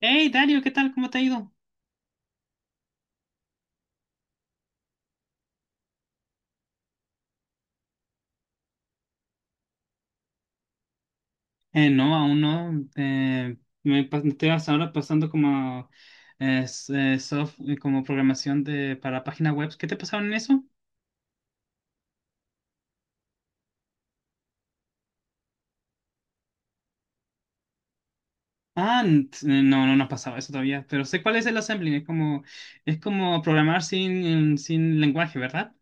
Hey, Dario, ¿qué tal? ¿Cómo te ha ido? No, aún no. Eh, Estoy hasta ahora pasando como, como programación de, para páginas web. ¿Qué te pasaron en eso? No, no nos pasaba eso todavía, pero sé cuál es el assembly. Es como programar sin lenguaje, ¿verdad?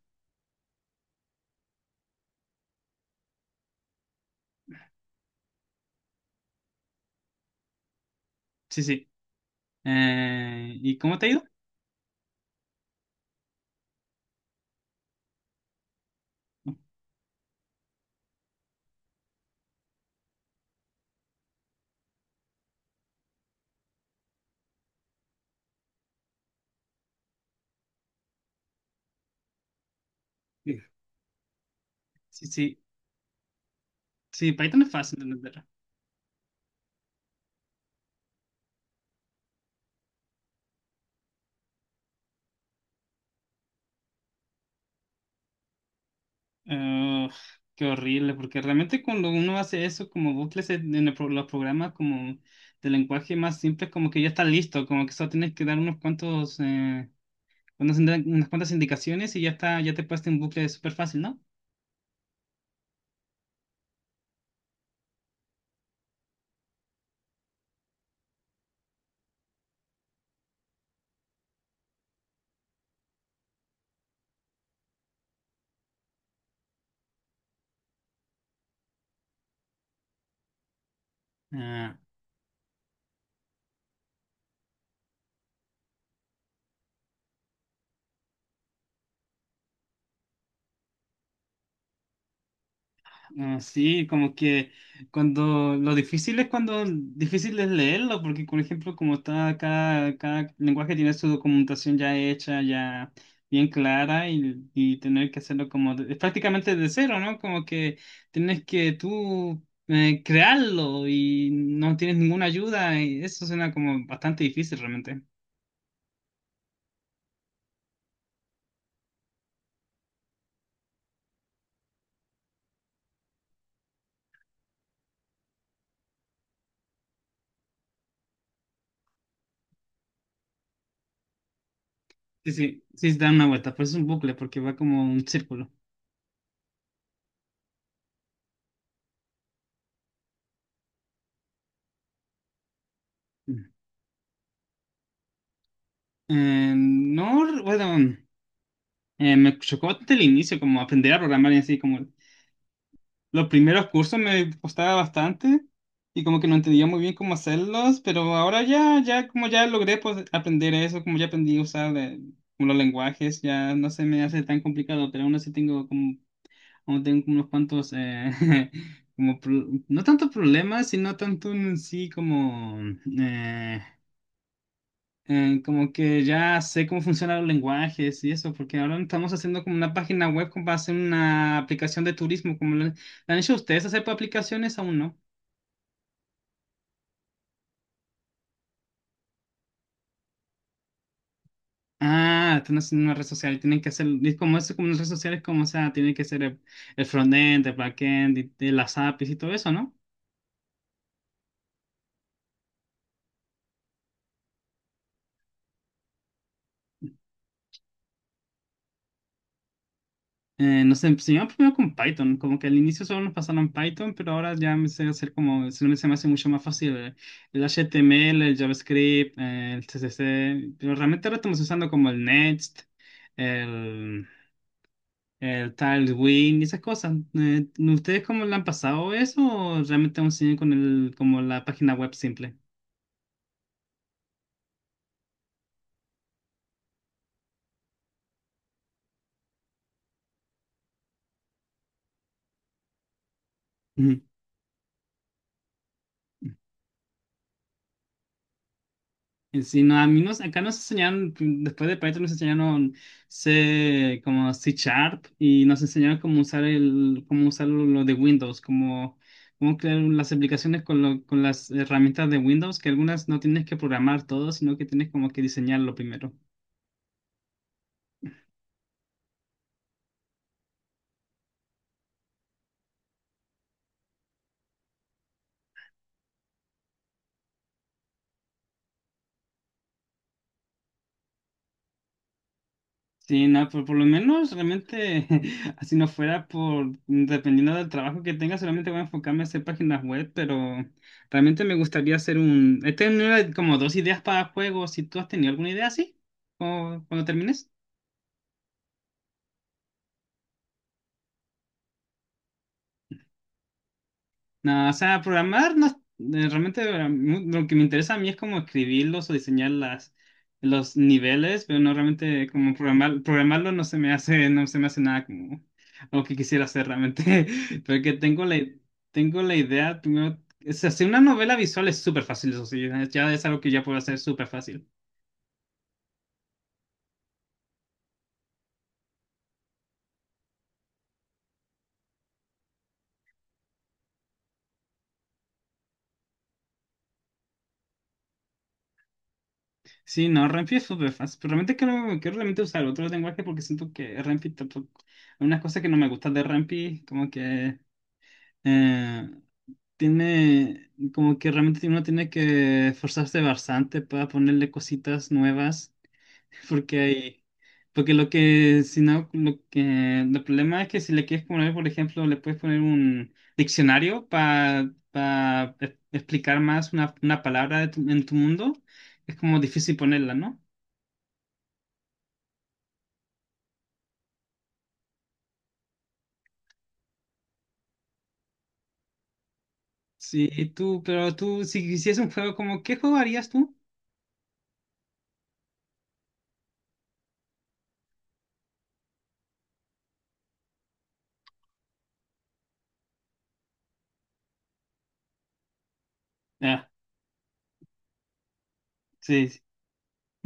Sí, sí. ¿Y cómo te ha ido? Sí, sí. Sí, Python es fácil de entender. Ugh, qué horrible, porque realmente cuando uno hace eso, como bucles en los programas como de lenguaje más simple, como que ya está listo, como que solo tienes que dar unos cuantos, unas cuantas indicaciones y ya está, ya te puedes en bucle súper fácil, ¿no? Ah, Ah, sí, como que cuando lo difícil es cuando difícil es leerlo, porque por ejemplo, como está cada lenguaje tiene su documentación ya hecha, ya bien clara, y tener que hacerlo es prácticamente de cero, ¿no? Como que tienes que tú crearlo y no tienes ninguna ayuda, y eso suena como bastante difícil realmente. Sí, sí, sí, se da una vuelta, pero es un bucle porque va como un círculo. Mm. No, bueno. Eh, me chocó bastante el inicio, como aprender a programar y así, como los primeros cursos me costaba bastante y como que no entendía muy bien cómo hacerlos, pero ahora ya como ya logré pues aprender eso, como ya aprendí a usar como los lenguajes, ya no se me hace tan complicado, pero aún así tengo como, aún tengo como unos cuantos, no tanto problemas, sino tanto en sí como... eh, como que ya sé cómo funcionan los lenguajes y eso, porque ahora estamos haciendo como una página web como para hacer una aplicación de turismo, como la han hecho ustedes hacer para aplicaciones aún no. Ah, están haciendo una red social, tienen que hacer, es como eso, como las redes sociales, como o sea, tienen que ser el frontend, el backend, y las APIs y todo eso, ¿no? Nos enseñaron primero con Python, como que al inicio solo nos pasaron Python, pero ahora ya me sé hacer como, se me hace mucho más fácil el HTML, el JavaScript, el CSS, pero realmente ahora estamos usando como el Next, el, el Tailwind y esas cosas. ¿Ustedes cómo le han pasado eso o realmente aún siguen con el, como la página web simple? Ujú. Sí, no, acá nos enseñaron, después de Python nos enseñaron C, como C Sharp y nos enseñaron cómo usar el, cómo usar lo de Windows, cómo, cómo crear las aplicaciones con, con las herramientas de Windows, que algunas no tienes que programar todo, sino que tienes como que diseñarlo primero. Sí, no, por lo menos realmente, así no fuera por, dependiendo del trabajo que tenga, solamente voy a enfocarme a hacer páginas web, pero realmente me gustaría hacer un... He tenido como dos ideas para juegos, si tú has tenido alguna idea así, o cuando termines. No, o sea, programar no, realmente lo que me interesa a mí es como escribirlos o diseñar los niveles, pero no realmente como programar, programarlo no se me hace, no se me hace nada como lo que quisiera hacer realmente, porque tengo tengo la idea, primero, o sea, hacer una novela visual es súper fácil, eso sí, ya es algo que ya puedo hacer súper fácil. Sí, no, Renfi es súper fácil, pero realmente quiero realmente usar otro lenguaje porque siento que Renfi tampoco, hay unas cosas que no me gustan de Renfi, como que... Eh, Tiene, como que realmente uno tiene que esforzarse bastante para ponerle cositas nuevas, porque hay, porque lo que, si no, lo que, el problema es que si le quieres poner, por ejemplo, le puedes poner un diccionario para explicar más una palabra en tu mundo, es como difícil ponerla, ¿no? Sí, pero tú, si hicieras un juego, como, ¿qué juego harías tú? Ah, sí,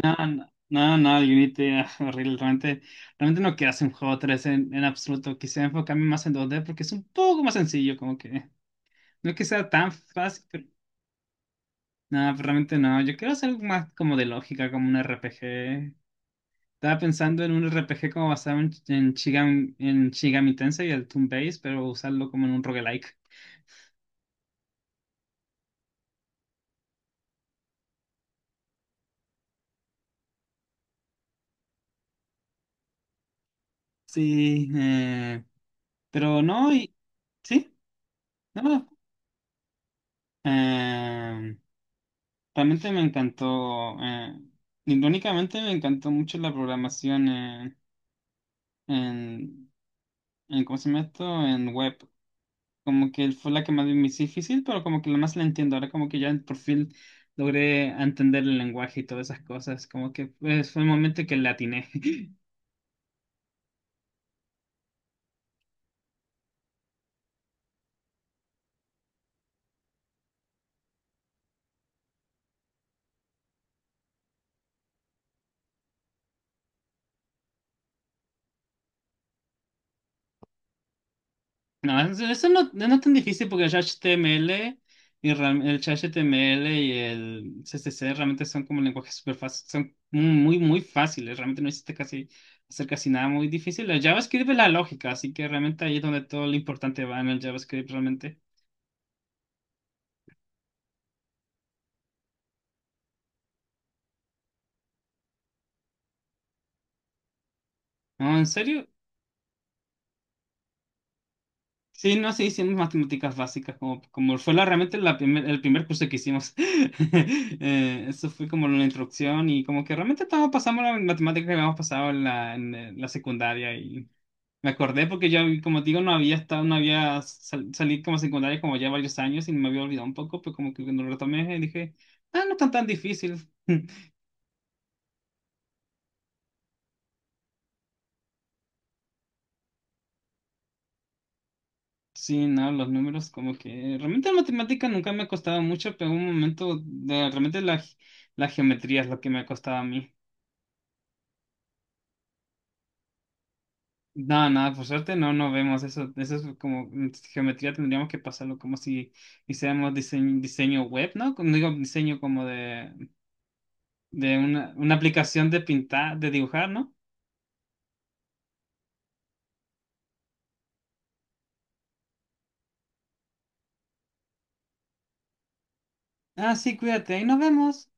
Ah, No, no, no, el Unity ah, horrible. Realmente no quiero hacer un juego 3 en absoluto. Quisiera enfocarme más en dos d porque es un poco más sencillo, como que no que sea tan fácil, pero no, pero realmente no. Yo quiero hacer algo más como de lógica, como un RPG. Estaba pensando en un RPG como basado Shigami, en Shigami Tensei y el Toon Base, pero usarlo como en un roguelike. Sí, pero no, y sí, no. No. Realmente me encantó, irónicamente me encantó mucho la programación en, ¿cómo se llama esto? En web. Como que fue la que más me hizo difícil, pero como que la más la entiendo. Ahora como que ya por fin logré entender el lenguaje y todas esas cosas. Como que pues, fue el momento que le atiné. No, eso no, no es no tan difícil porque el HTML y el HTML y el CSS realmente son como lenguajes súper fáciles, son muy, muy fáciles, realmente no existe casi hacer casi nada muy difícil. El JavaScript es la lógica, así que realmente ahí es donde todo lo importante va en el JavaScript realmente. No, en serio, sí, no, sí hicimos matemáticas básicas, como, como fue la, realmente el primer curso que hicimos. Eso fue como la introducción y como que realmente todos pasamos las matemáticas que habíamos pasado en en, la secundaria. Me acordé porque yo, como te digo, no había estado, no había sal- salí como secundaria como ya varios años y me había olvidado un poco, pero como que cuando lo retomé dije, ah, no están tan difícil. Sí, no, los números como que realmente la matemática nunca me ha costado mucho, pero en un momento realmente la geometría es lo que me ha costado a mí. No, nada, por suerte no, no vemos eso. Eso es como mm, geometría tendríamos que pasarlo como si hiciéramos diseño, diseño web, ¿no? Como digo, diseño como de una aplicación de pintar, de dibujar, ¿no? Ah, sí, cuídate, ahí nos vemos.